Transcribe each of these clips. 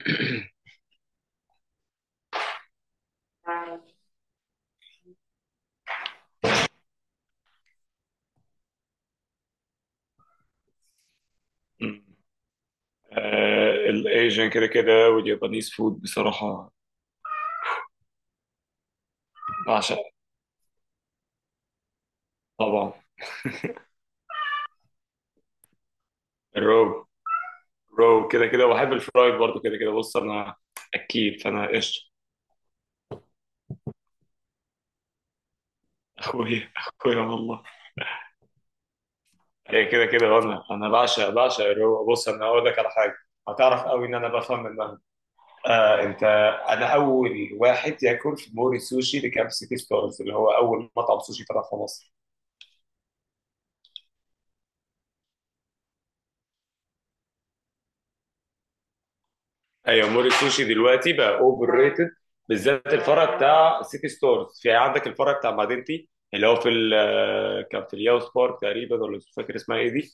آه، الايجن كده كده واليابانيز فود بصراحه بعشق. طبعا الرو رو كده كده وبحب الفرايد برضو كده كده. بص انا اكيد، فانا قشطه. اخويا. اخويا والله. هي كده كده وانا بعشق بعشق الرو. بص، انا هقول لك على حاجه هتعرف قوي ان انا بفهم منها. آه انت انا اول واحد ياكل في موري سوشي اللي كان في سيتي ستارز، اللي هو اول مطعم سوشي فتح في مصر. ايوه، مول السوشي دلوقتي بقى اوفر ريتد، بالذات الفرع بتاع سيتي ستارز. في عندك الفرع بتاع مدينتي اللي هو في كان في الياوس بارك تقريبا، ولا مش فاكر اسمها ايه دي.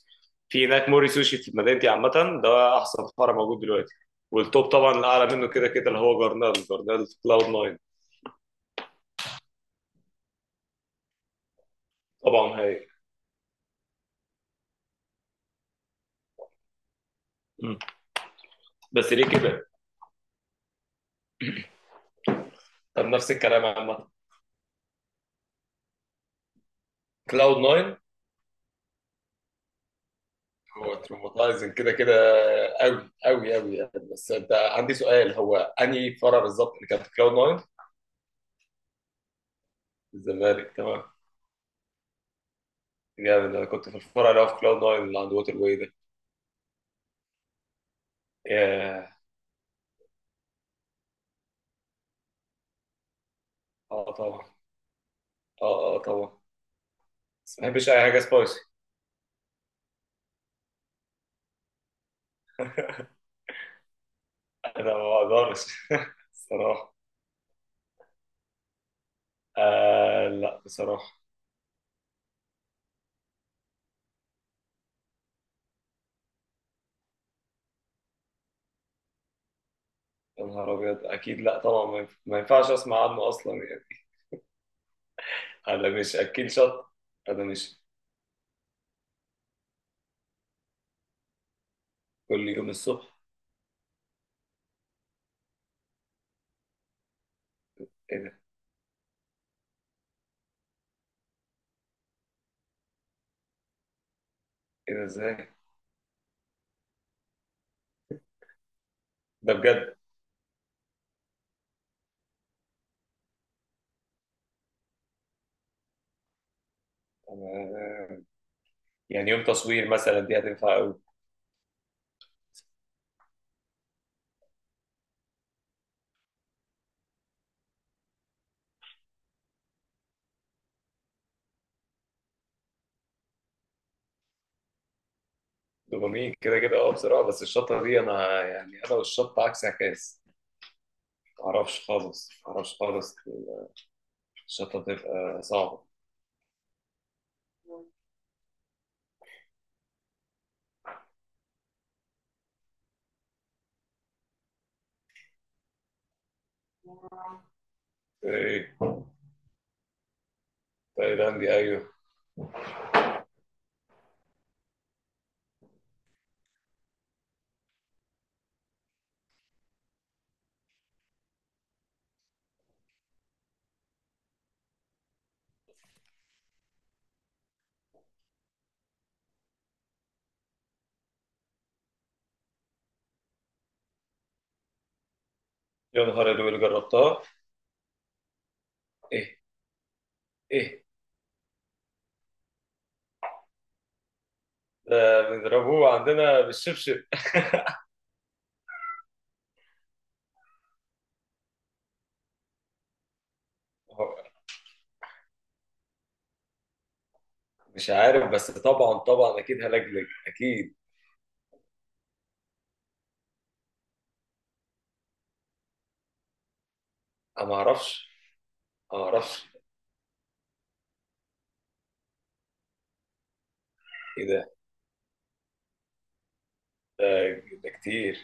في هناك موري سوشي في مدينتي عامة. ده أحسن فرع موجود دلوقتي. والتوب طبعا الأعلى منه كده كده اللي هو جرنال، جرنال في كلاود 9. طبعا. هاي. مم. بس ليه كده؟ طب نفس الكلام عامة، كلاود 9. هو تروماتايزنج كده كده قوي قوي قوي يعني. بس انت، عندي سؤال: هو انهي فرع بالظبط اللي كان في كلاود 9؟ الزمالك، تمام. جامد. انا كنت في الفرع اللي هو في كلاود 9 اللي عند ووتر واي ده. ياه. اه طبعا. اه اه طبعا. بس ما بحبش اي حاجه سبايسي. انا ما بقدرش. الصراحه. لا بصراحه. يا نهار ابيض، اكيد لا طبعا، ما ينفعش اسمع عنه اصلا يعني. انا مش اكل شط. انا مش كل يوم الصبح؟ ايه ده. ايه ده، ازاي؟ ده بجد؟ أنا يعني يوم تصوير مثلا دي هتنفع قوي. دوبامين كده كده، اه بصراحه. بس الشطه دي، انا يعني انا والشطه عكس عكاس. معرفش خالص، معرفش خالص. الشطة تبقى صعبة. ايه. تايلاندي، ايوه. يا نهار أبيض، اللي جربتها؟ ايه. ايه ده؟ بنضربوه عندنا بالشبشب. هو- مش عارف، بس طبعا طبعا اكيد هلجلج اكيد. انا ما اعرفش. أنا ما اعرفش. ايه ده. ده كتير.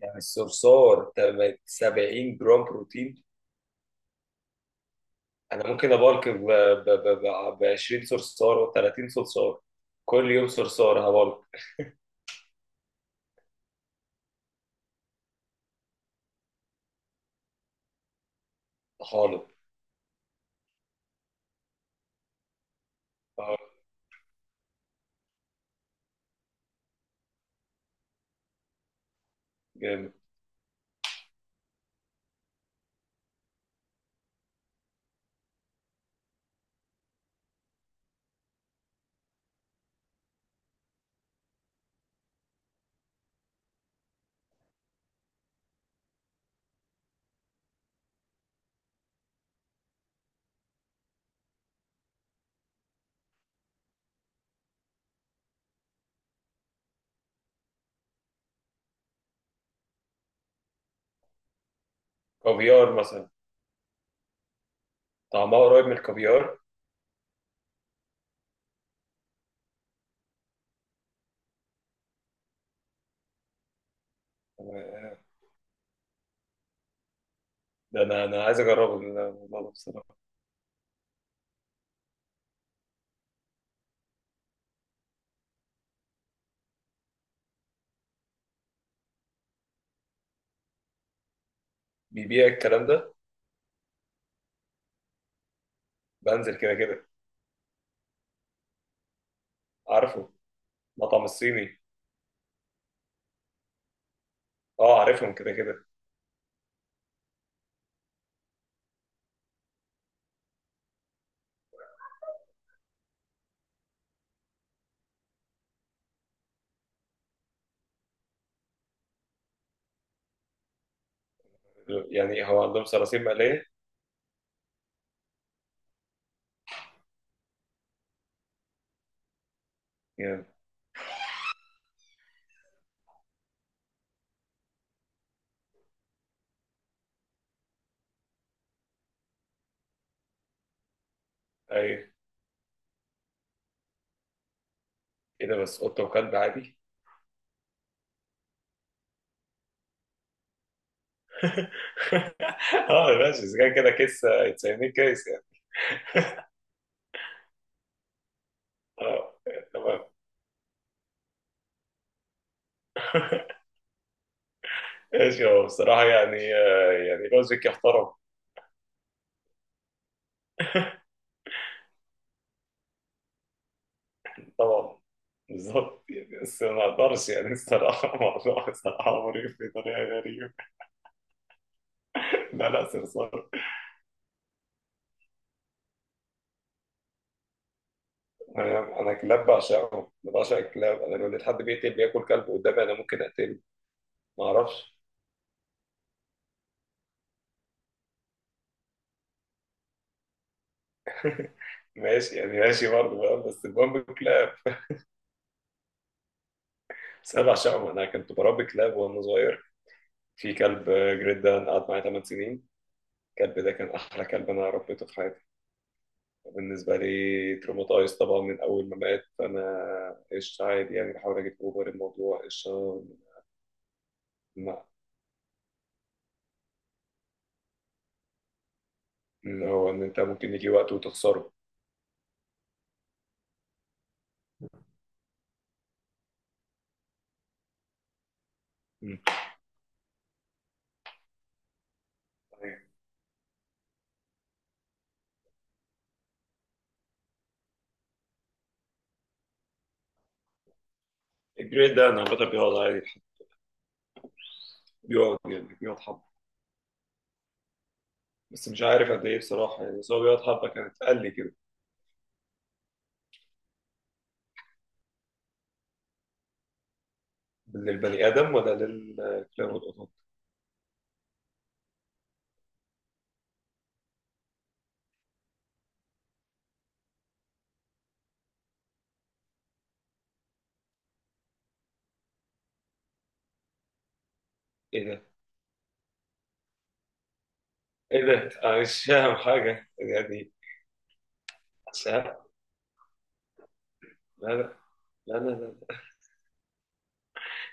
يعني الصرصار ده 70 جرام بروتين؟ انا ممكن ابالك ب 20 صرصار و 30 صرصار، كل يوم صرصار هبالك. طحالب. جامد. كافيار مثلا؟ طعمها قريب من الكافيار. ده انا عايز اجربه الموضوع ده بصراحه. بيبيع الكلام ده؟ بنزل كده كده. عارفه. مطعم الصيني. اه عارفهم كده كده. يعني هو عندهم صراصير مقليه؟ يعني. ايوه. ايه ده، بس قطه وكلب عادي. اه ماشي، اذا كان كده كيس هيتسميه كيس يعني. اه. تمام. ماشي. هو بصراحه يعني يعني لوجيك يحترم. طبعا. بالظبط يعني، بس ما اقدرش يعني الصراحه. الموضوع الصراحه مريب بطريقه غريبه. لا، لا، صرصار. أنا كلاب بعشقهم. أنا بعشق الكلاب. انا لو لقيت حد بيقتل بياكل كلب قدامي انا ممكن اقتله. ما اعرفش. ماشي يعني، ماشي برضه فاهم. بس المهم الكلاب، بس انا بعشقهم. انا كنت بربي كلاب وانا صغير. في كلب جريدان قعد معايا 8 سنين. الكلب ده كان احلى كلب انا ربيته في حياتي. بالنسبة لي تروماتايز طبعا من أول ما مات، فأنا قشطة عادي يعني، بحاول أجيب أوفر الموضوع. قشطة. ما- إن هو، أنت ممكن يجي وقت وتخسره. مم. الجريد ده أنا عامة بيقعد عادي. بيقعد يعني بيقعد حبة. بس مش عارف قد إيه بصراحة يعني، بس هو بيقعد حبة كانت، قال لي كده. للبني آدم ولا للكلاب والقطط؟ إيه ده؟ إيه ده؟ أنا مش فاهم حاجة يعني. مش عارف. لا، لا. لا، لا، لا.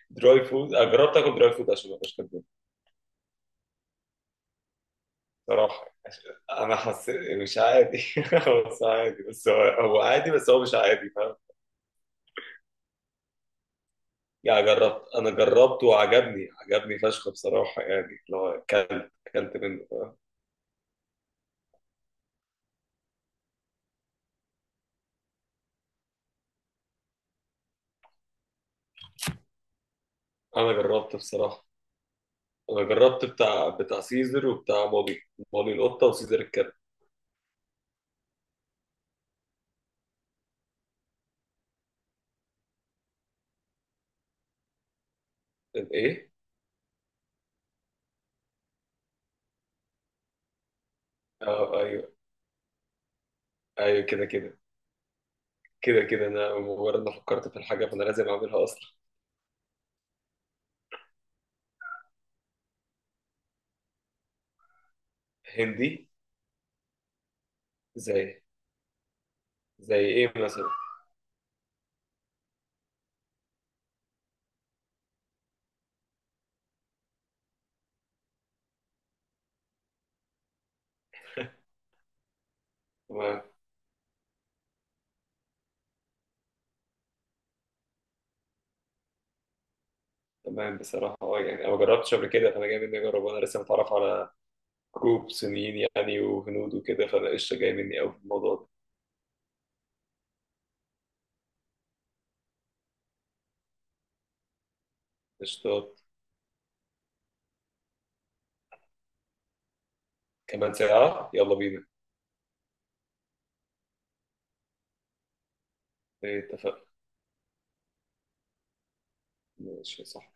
دراي فود أنا جربت آكل دراي فود عشان ما أبقاش كداب. صراحة أنا حسيت مش عادي. هو بس عادي، بس هو عادي، بس هو مش عادي، فاهم. يعني جربت. أنا جربته وعجبني عجبني فشخ بصراحة، يعني اللي هو أكلت أكلت منه. أنا جربت بصراحة. أنا جربت بتاع سيزر وبتاع مولي. مولي القطة وسيزر الكلب. الإيه؟ أه، أيوه. أيوه كده كده، كده كده. أنا مجرد ما فكرت في الحاجة فأنا لازم أعملها أصلا. هندي. زي. إيه مثلا؟ تمام بصراحة، اه يعني أنا ما جربتش قبل كده، فأنا جاي مني أجرب. وأنا لسه متعرف على جروب صينيين يعني، وهنود وكده. فأنا قشطة، جاي مني أوي في الموضوع ده. قشطات. كمان ساعة؟ يلا بينا. إيه، اتفقنا. ماشي، صح.